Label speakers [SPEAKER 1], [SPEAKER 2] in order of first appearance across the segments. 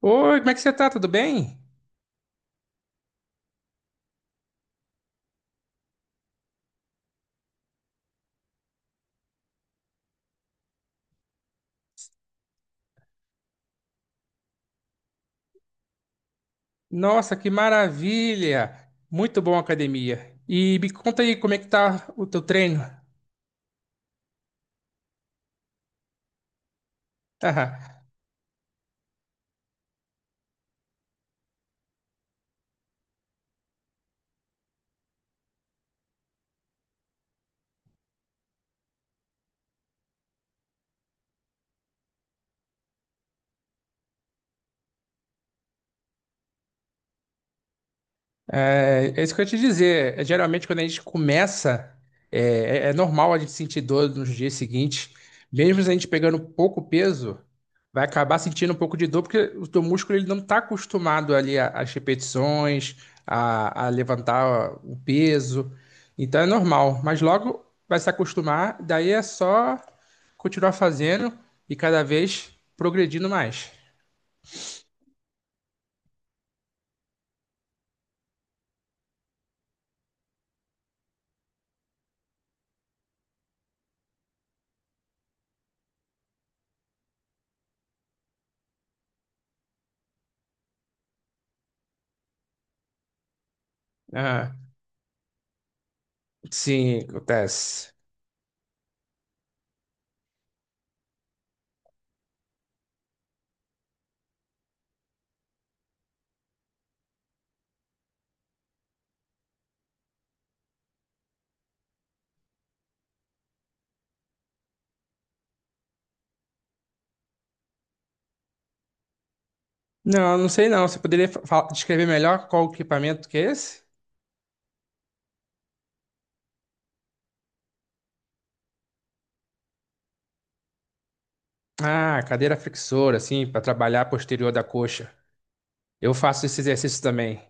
[SPEAKER 1] Oi, como é que você tá? Tudo bem? Nossa, que maravilha! Muito bom a academia. E me conta aí como é que tá o teu treino? É isso que eu ia te dizer. Geralmente, quando a gente começa, é, é normal a gente sentir dor nos dias seguintes. Mesmo se a gente pegando pouco peso, vai acabar sentindo um pouco de dor, porque o teu músculo ele não está acostumado ali às repetições, a levantar o peso. Então é normal. Mas logo vai se acostumar, daí é só continuar fazendo e cada vez progredindo mais. Ah, sim, acontece. Não, não sei não. Você poderia descrever melhor qual o equipamento que é esse? Ah, cadeira flexora, assim, para trabalhar a posterior da coxa. Eu faço esse exercício também.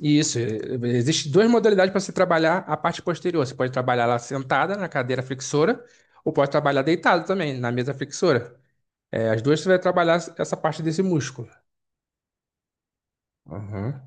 [SPEAKER 1] Isso, existem duas modalidades para você trabalhar a parte posterior. Você pode trabalhar ela sentada na cadeira flexora ou pode trabalhar deitado também na mesa flexora. É, as duas você vai trabalhar essa parte desse músculo. Uhum.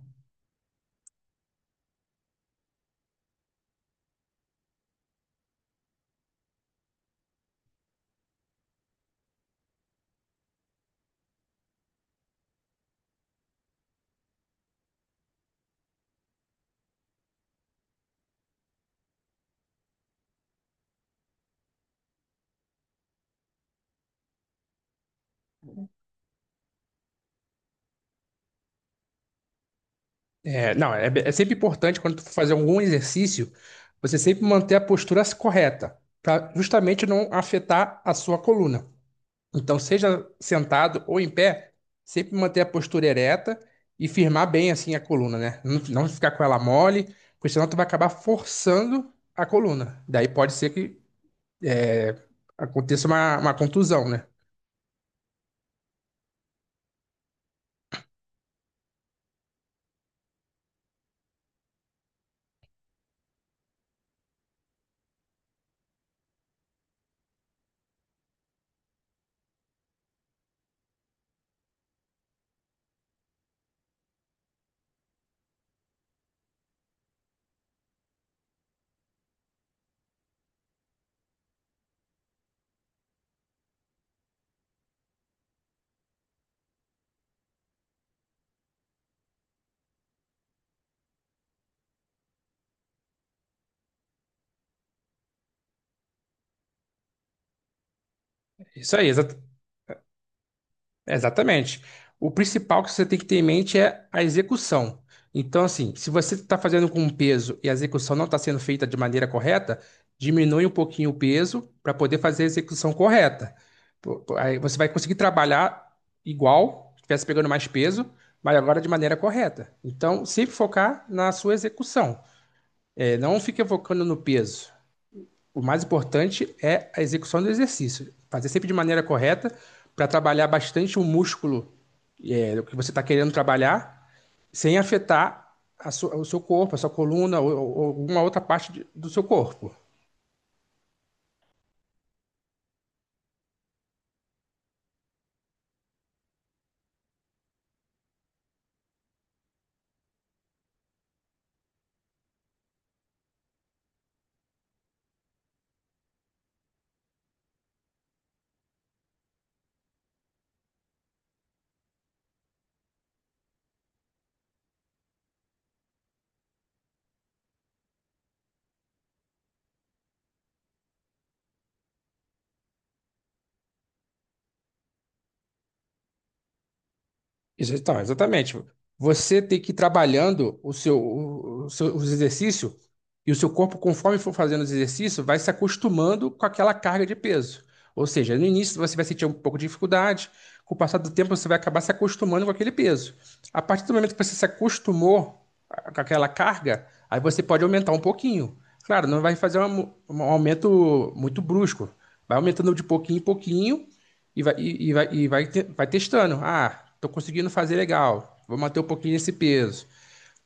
[SPEAKER 1] É, não, é, é sempre importante quando tu for fazer algum exercício, você sempre manter a postura correta, para justamente não afetar a sua coluna. Então, seja sentado ou em pé, sempre manter a postura ereta e firmar bem assim a coluna, né? Não, não ficar com ela mole, porque senão tu vai acabar forçando a coluna. Daí pode ser que é, aconteça uma contusão, né? Isso aí, exa- Exatamente. O principal que você tem que ter em mente é a execução. Então, assim, se você está fazendo com um peso e a execução não está sendo feita de maneira correta, diminui um pouquinho o peso para poder fazer a execução correta. Aí você vai conseguir trabalhar igual, se estivesse pegando mais peso, mas agora de maneira correta. Então, sempre focar na sua execução. É, não fique focando no peso. O mais importante é a execução do exercício. Fazer sempre de maneira correta para trabalhar bastante o músculo que você está querendo trabalhar, sem afetar a o seu corpo, a sua coluna ou alguma outra parte do seu corpo. Então, exatamente. Você tem que ir trabalhando o seu, os exercícios e o seu corpo, conforme for fazendo os exercícios, vai se acostumando com aquela carga de peso. Ou seja, no início você vai sentir um pouco de dificuldade, com o passar do tempo você vai acabar se acostumando com aquele peso. A partir do momento que você se acostumou com aquela carga, aí você pode aumentar um pouquinho. Claro, não vai fazer um aumento muito brusco. Vai aumentando de pouquinho em pouquinho e vai testando. Ah, tô conseguindo fazer legal. Vou manter um pouquinho esse peso.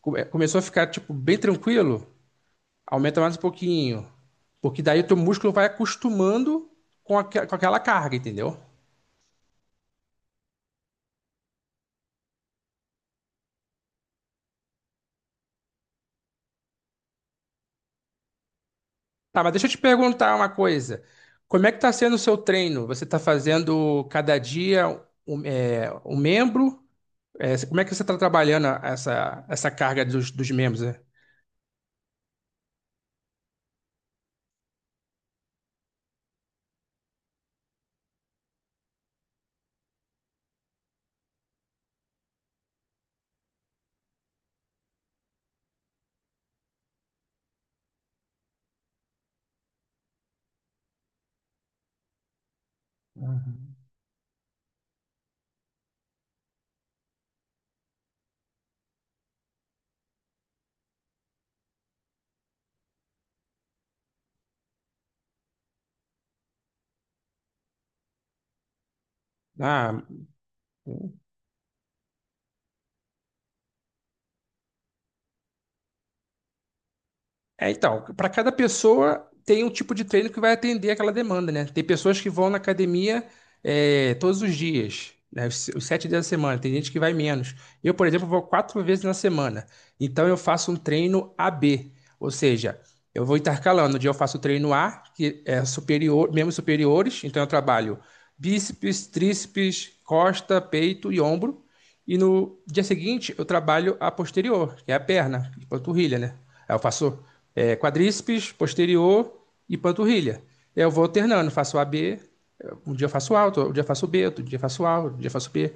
[SPEAKER 1] Começou a ficar, tipo, bem tranquilo. Aumenta mais um pouquinho. Porque daí o teu músculo vai acostumando com aquela carga, entendeu? Tá, mas deixa eu te perguntar uma coisa. Como é que tá sendo o seu treino? Você tá fazendo cada dia um, um membro? É, como é que você tá trabalhando essa carga dos membros, né? Uhum. Ah, É, então, para cada pessoa tem um tipo de treino que vai atender aquela demanda, né? Tem pessoas que vão na academia todos os dias, né? Os 7 dias da semana. Tem gente que vai menos. Eu, por exemplo, vou 4 vezes na semana. Então, eu faço um treino A-B, ou seja, eu vou intercalando. Um dia eu faço o treino A, que é superior, membros superiores. Então, eu trabalho bíceps, tríceps, costa, peito e ombro. E no dia seguinte, eu trabalho a posterior, que é a perna, panturrilha, né? Aí eu faço quadríceps, posterior e panturrilha. Eu vou alternando, faço A B um dia eu faço A, outro dia eu faço B, outro dia eu faço A, outro dia eu faço B.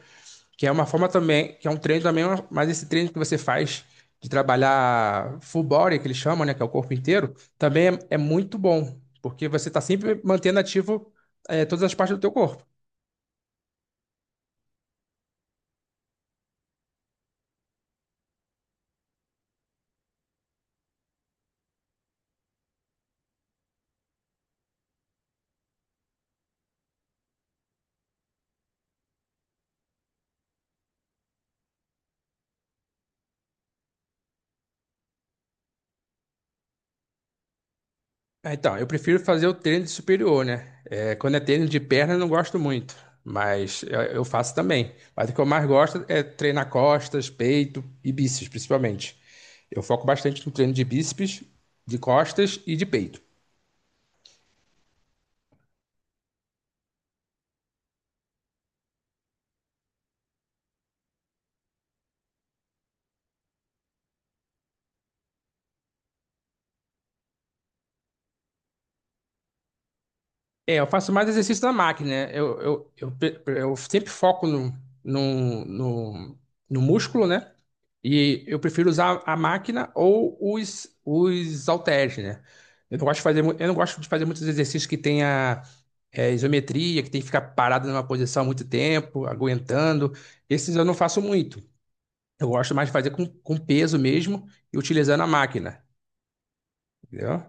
[SPEAKER 1] Que é uma forma também, que é um treino também, mas esse treino que você faz de trabalhar full body, que eles chamam, né, que é o corpo inteiro, também é muito bom, porque você está sempre mantendo ativo todas as partes do teu corpo. Então, eu prefiro fazer o treino de superior, né? É, quando é treino de perna, eu não gosto muito, mas eu faço também. Mas o que eu mais gosto é treinar costas, peito e bíceps, principalmente. Eu foco bastante no treino de bíceps, de costas e de peito. É, eu faço mais exercício na máquina, né? Eu sempre foco no, no, no músculo, né? E eu prefiro usar a máquina ou os halteres, né? Eu não gosto de fazer, eu não gosto de fazer muitos exercícios que tenha isometria, que tem que ficar parado numa posição muito tempo, aguentando. Esses eu não faço muito. Eu gosto mais de fazer com peso mesmo e utilizando a máquina, entendeu?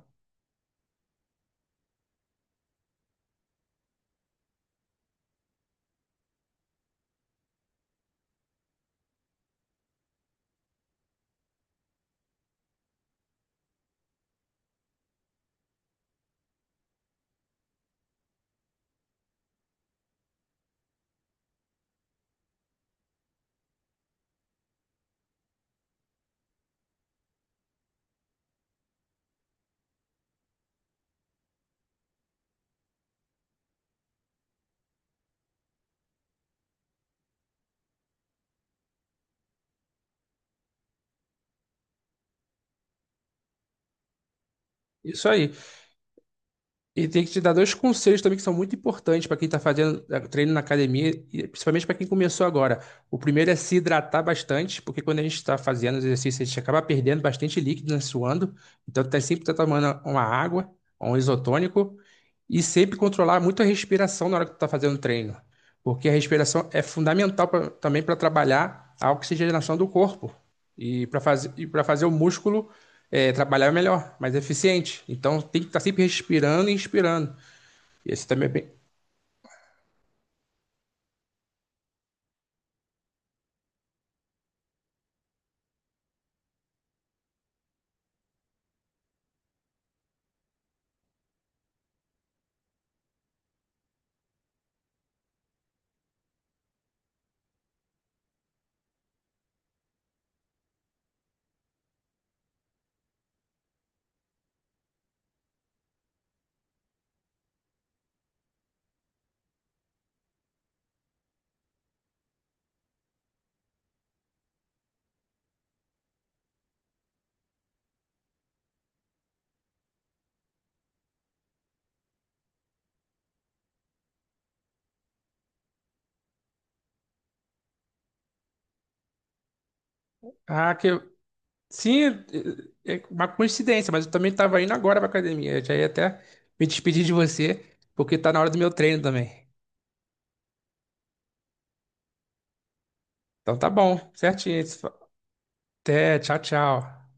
[SPEAKER 1] Isso aí. E tem que te dar dois conselhos também que são muito importantes para quem está fazendo treino na academia, e principalmente para quem começou agora. O primeiro é se hidratar bastante, porque quando a gente está fazendo os exercícios, a gente acaba perdendo bastante líquido, né, suando. Então, tá sempre tomando uma água, ou um isotônico, e sempre controlar muito a respiração na hora que tu está fazendo o treino, porque a respiração é fundamental também para trabalhar a oxigenação do corpo. E para fazer o músculo trabalhar é melhor, mais eficiente. Então tem que estar sempre respirando e inspirando. E esse também é bem. Ah, que eu- sim, é é uma coincidência, mas eu também estava indo agora para academia. Eu já ia até me despedir de você, porque tá na hora do meu treino também. Então tá bom, certinho. Até, tchau, tchau.